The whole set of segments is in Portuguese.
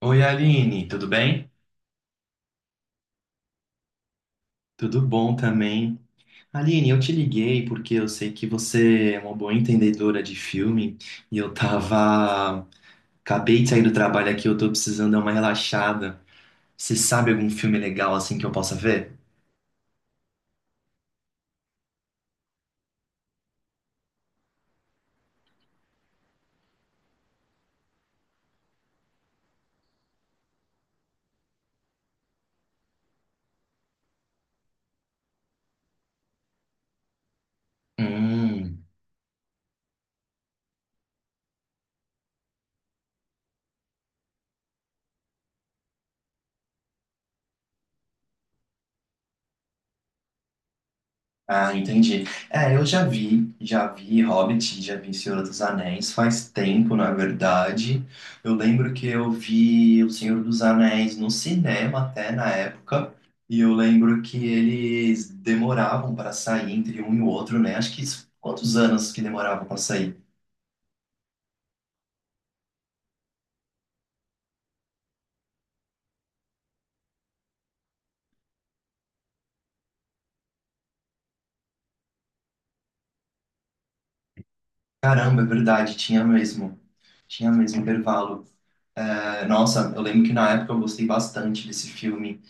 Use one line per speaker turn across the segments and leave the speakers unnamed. Oi, Aline, tudo bem? Tudo bom também. Aline, eu te liguei porque eu sei que você é uma boa entendedora de filme e eu tava. Acabei de sair do trabalho aqui, eu tô precisando dar uma relaxada. Você sabe algum filme legal assim que eu possa ver? Hum. Ah, entendi. É, eu já vi Hobbit, já vi Senhor dos Anéis, faz tempo, na verdade. Eu lembro que eu vi O Senhor dos Anéis no cinema até na época, e eu lembro que eles demoravam para sair entre um e o outro, né? Acho que quantos anos que demoravam para sair? Caramba, é verdade, tinha mesmo. Tinha mesmo intervalo. É, nossa, eu lembro que na época eu gostei bastante desse filme.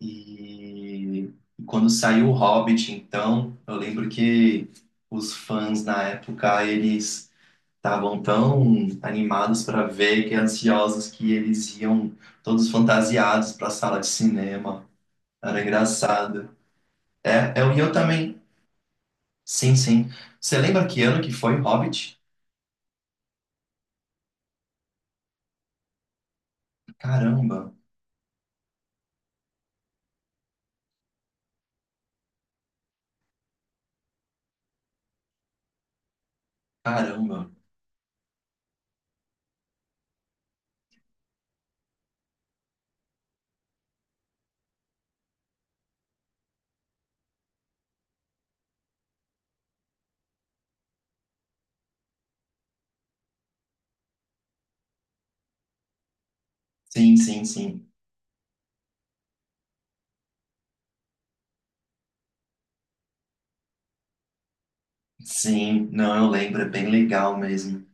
E quando saiu o Hobbit, então, eu lembro que os fãs na época, eles estavam tão animados para ver que ansiosos que eles iam todos fantasiados para a sala de cinema. Era engraçado. É, e eu também. Sim, sim. Você lembra que ano que foi o Hobbit? Caramba, caramba. Sim, sim, sim. Sim, não, eu lembro, é bem legal mesmo.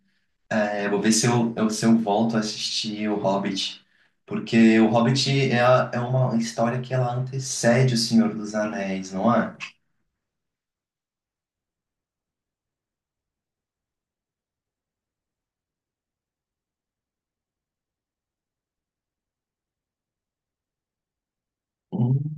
É, vou ver se se eu volto a assistir O Hobbit, porque O Hobbit é, é uma história que ela antecede O Senhor dos Anéis, não é? Hum.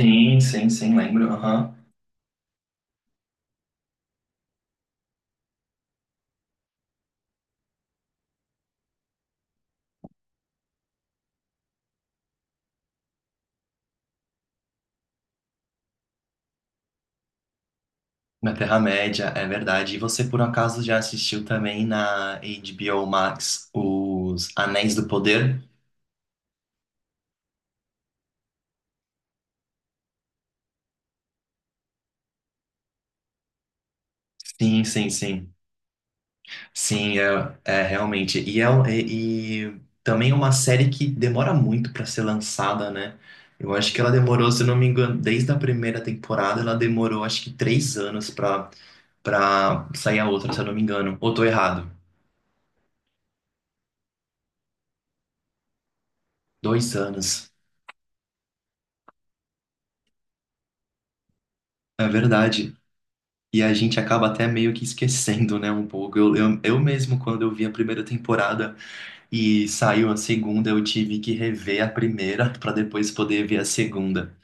Sim, sim, sim, lembro. Aham. Na Terra-média, é verdade. E você, por acaso, já assistiu também na HBO Max Os Anéis do Poder? Sim, sim, sim. Sim, é realmente. E, e também é uma série que demora muito para ser lançada, né? Eu acho que ela demorou, se eu não me engano, desde a primeira temporada, ela demorou acho que 3 anos para sair a outra, se eu não me engano. Ou tô errado? 2 anos. É verdade. E a gente acaba até meio que esquecendo, né, um pouco. Eu mesmo, quando eu vi a primeira temporada e saiu a segunda, eu tive que rever a primeira para depois poder ver a segunda.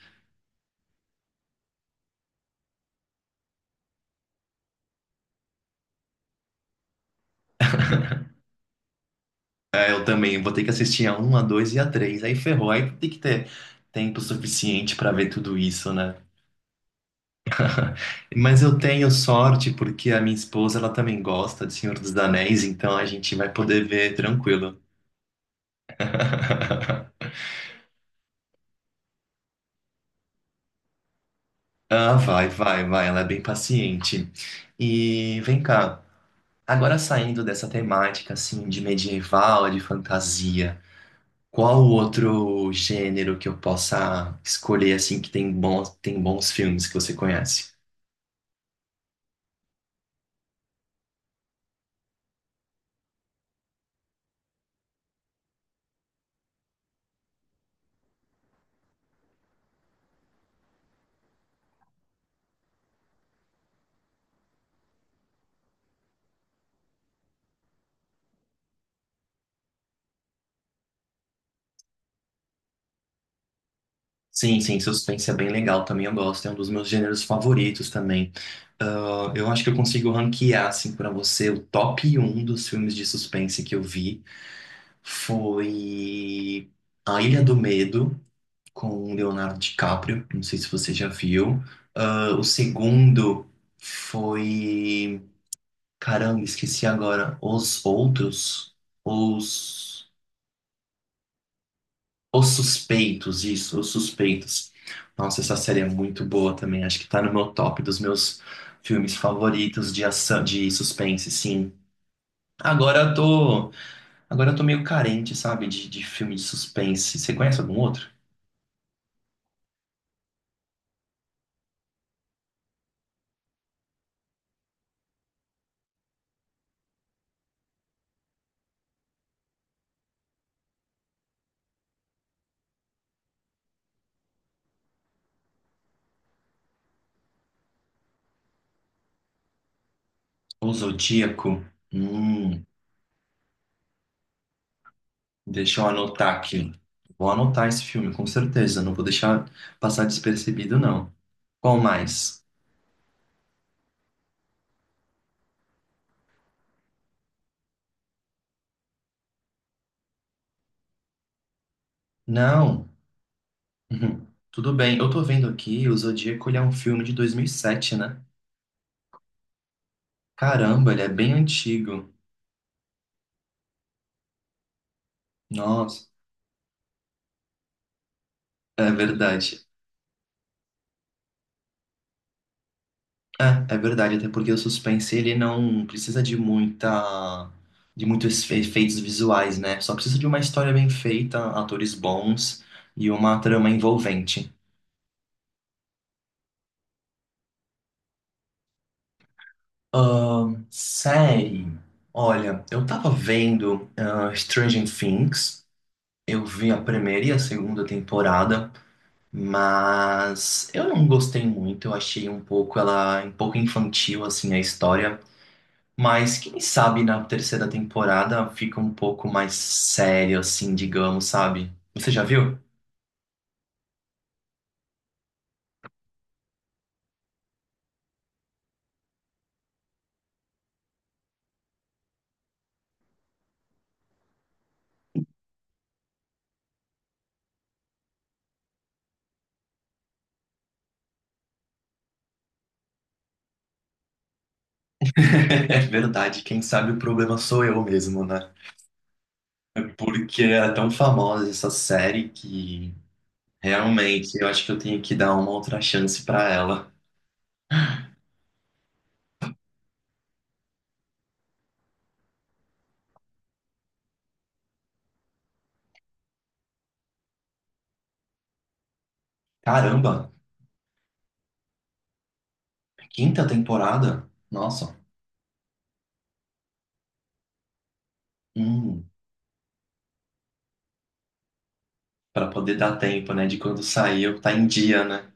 Aí eu também vou ter que assistir a um, a 2 e a três. Aí ferrou, aí tem que ter tempo suficiente para ver tudo isso, né? Mas eu tenho sorte porque a minha esposa, ela também gosta de Senhor dos Anéis, então a gente vai poder ver tranquilo. Ah, vai, vai, vai, ela é bem paciente. E vem cá, agora saindo dessa temática assim de medieval, de fantasia, qual o outro gênero que eu possa escolher assim que tem bons filmes que você conhece? Sim, sim, suspense é bem legal também, eu gosto, é um dos meus gêneros favoritos também. Ah, eu acho que eu consigo ranquear, assim, pra você, o top um dos filmes de suspense que eu vi foi A Ilha do Medo, com o Leonardo DiCaprio, não sei se você já viu. Ah, o segundo foi, caramba, esqueci agora, Os Outros, Os... Os Suspeitos, isso, Os Suspeitos. Nossa, essa série é muito boa também. Acho que tá no meu top dos meus filmes favoritos de ação, de suspense, sim. Agora eu tô, agora eu tô meio carente, sabe, de filme de suspense. Você conhece algum outro? O Zodíaco? Hum, deixa eu anotar aqui. Vou anotar esse filme, com certeza. Não vou deixar passar despercebido, não. Qual mais? Não. Uhum. Tudo bem. Eu tô vendo aqui, o Zodíaco, ele é um filme de 2007, né? Caramba, ele é bem antigo. Nossa, é verdade. É, é verdade, até porque o suspense ele não precisa de muita de muitos efeitos visuais, né? Só precisa de uma história bem feita, atores bons e uma trama envolvente. Série. Olha, eu tava vendo Stranger Things. Eu vi a primeira e a segunda temporada, mas eu não gostei muito. Eu achei um pouco ela um pouco infantil assim a história. Mas quem sabe na terceira temporada fica um pouco mais sério, assim, digamos, sabe? Você já viu? É verdade, quem sabe o problema sou eu mesmo, né? É. Porque é tão famosa essa série que realmente eu acho que eu tenho que dar uma outra chance pra ela. Caramba, quinta temporada? Nossa. hum, Para poder dar tempo, né, de quando sair eu tá em dia, né?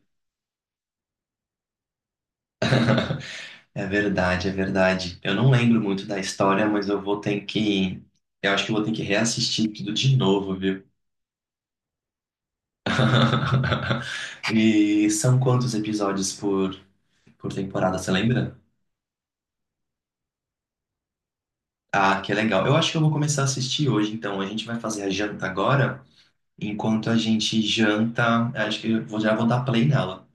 É verdade, é verdade. Eu não lembro muito da história, mas eu vou ter que. Eu acho que eu vou ter que reassistir tudo de novo, viu? E são quantos episódios por temporada, você lembra? Ah, que legal. Eu acho que eu vou começar a assistir hoje, então. A gente vai fazer a janta agora. Enquanto a gente janta, acho que já vou dar play nela.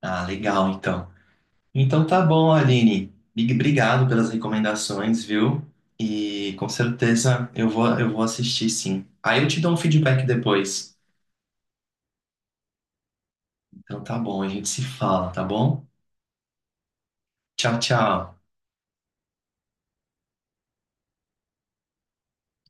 Ah, legal, então. Então tá bom, Aline. Obrigado pelas recomendações, viu? E com certeza eu vou assistir sim. Aí eu te dou um feedback depois. Então tá bom, a gente se fala, tá bom? Tchau, tchau.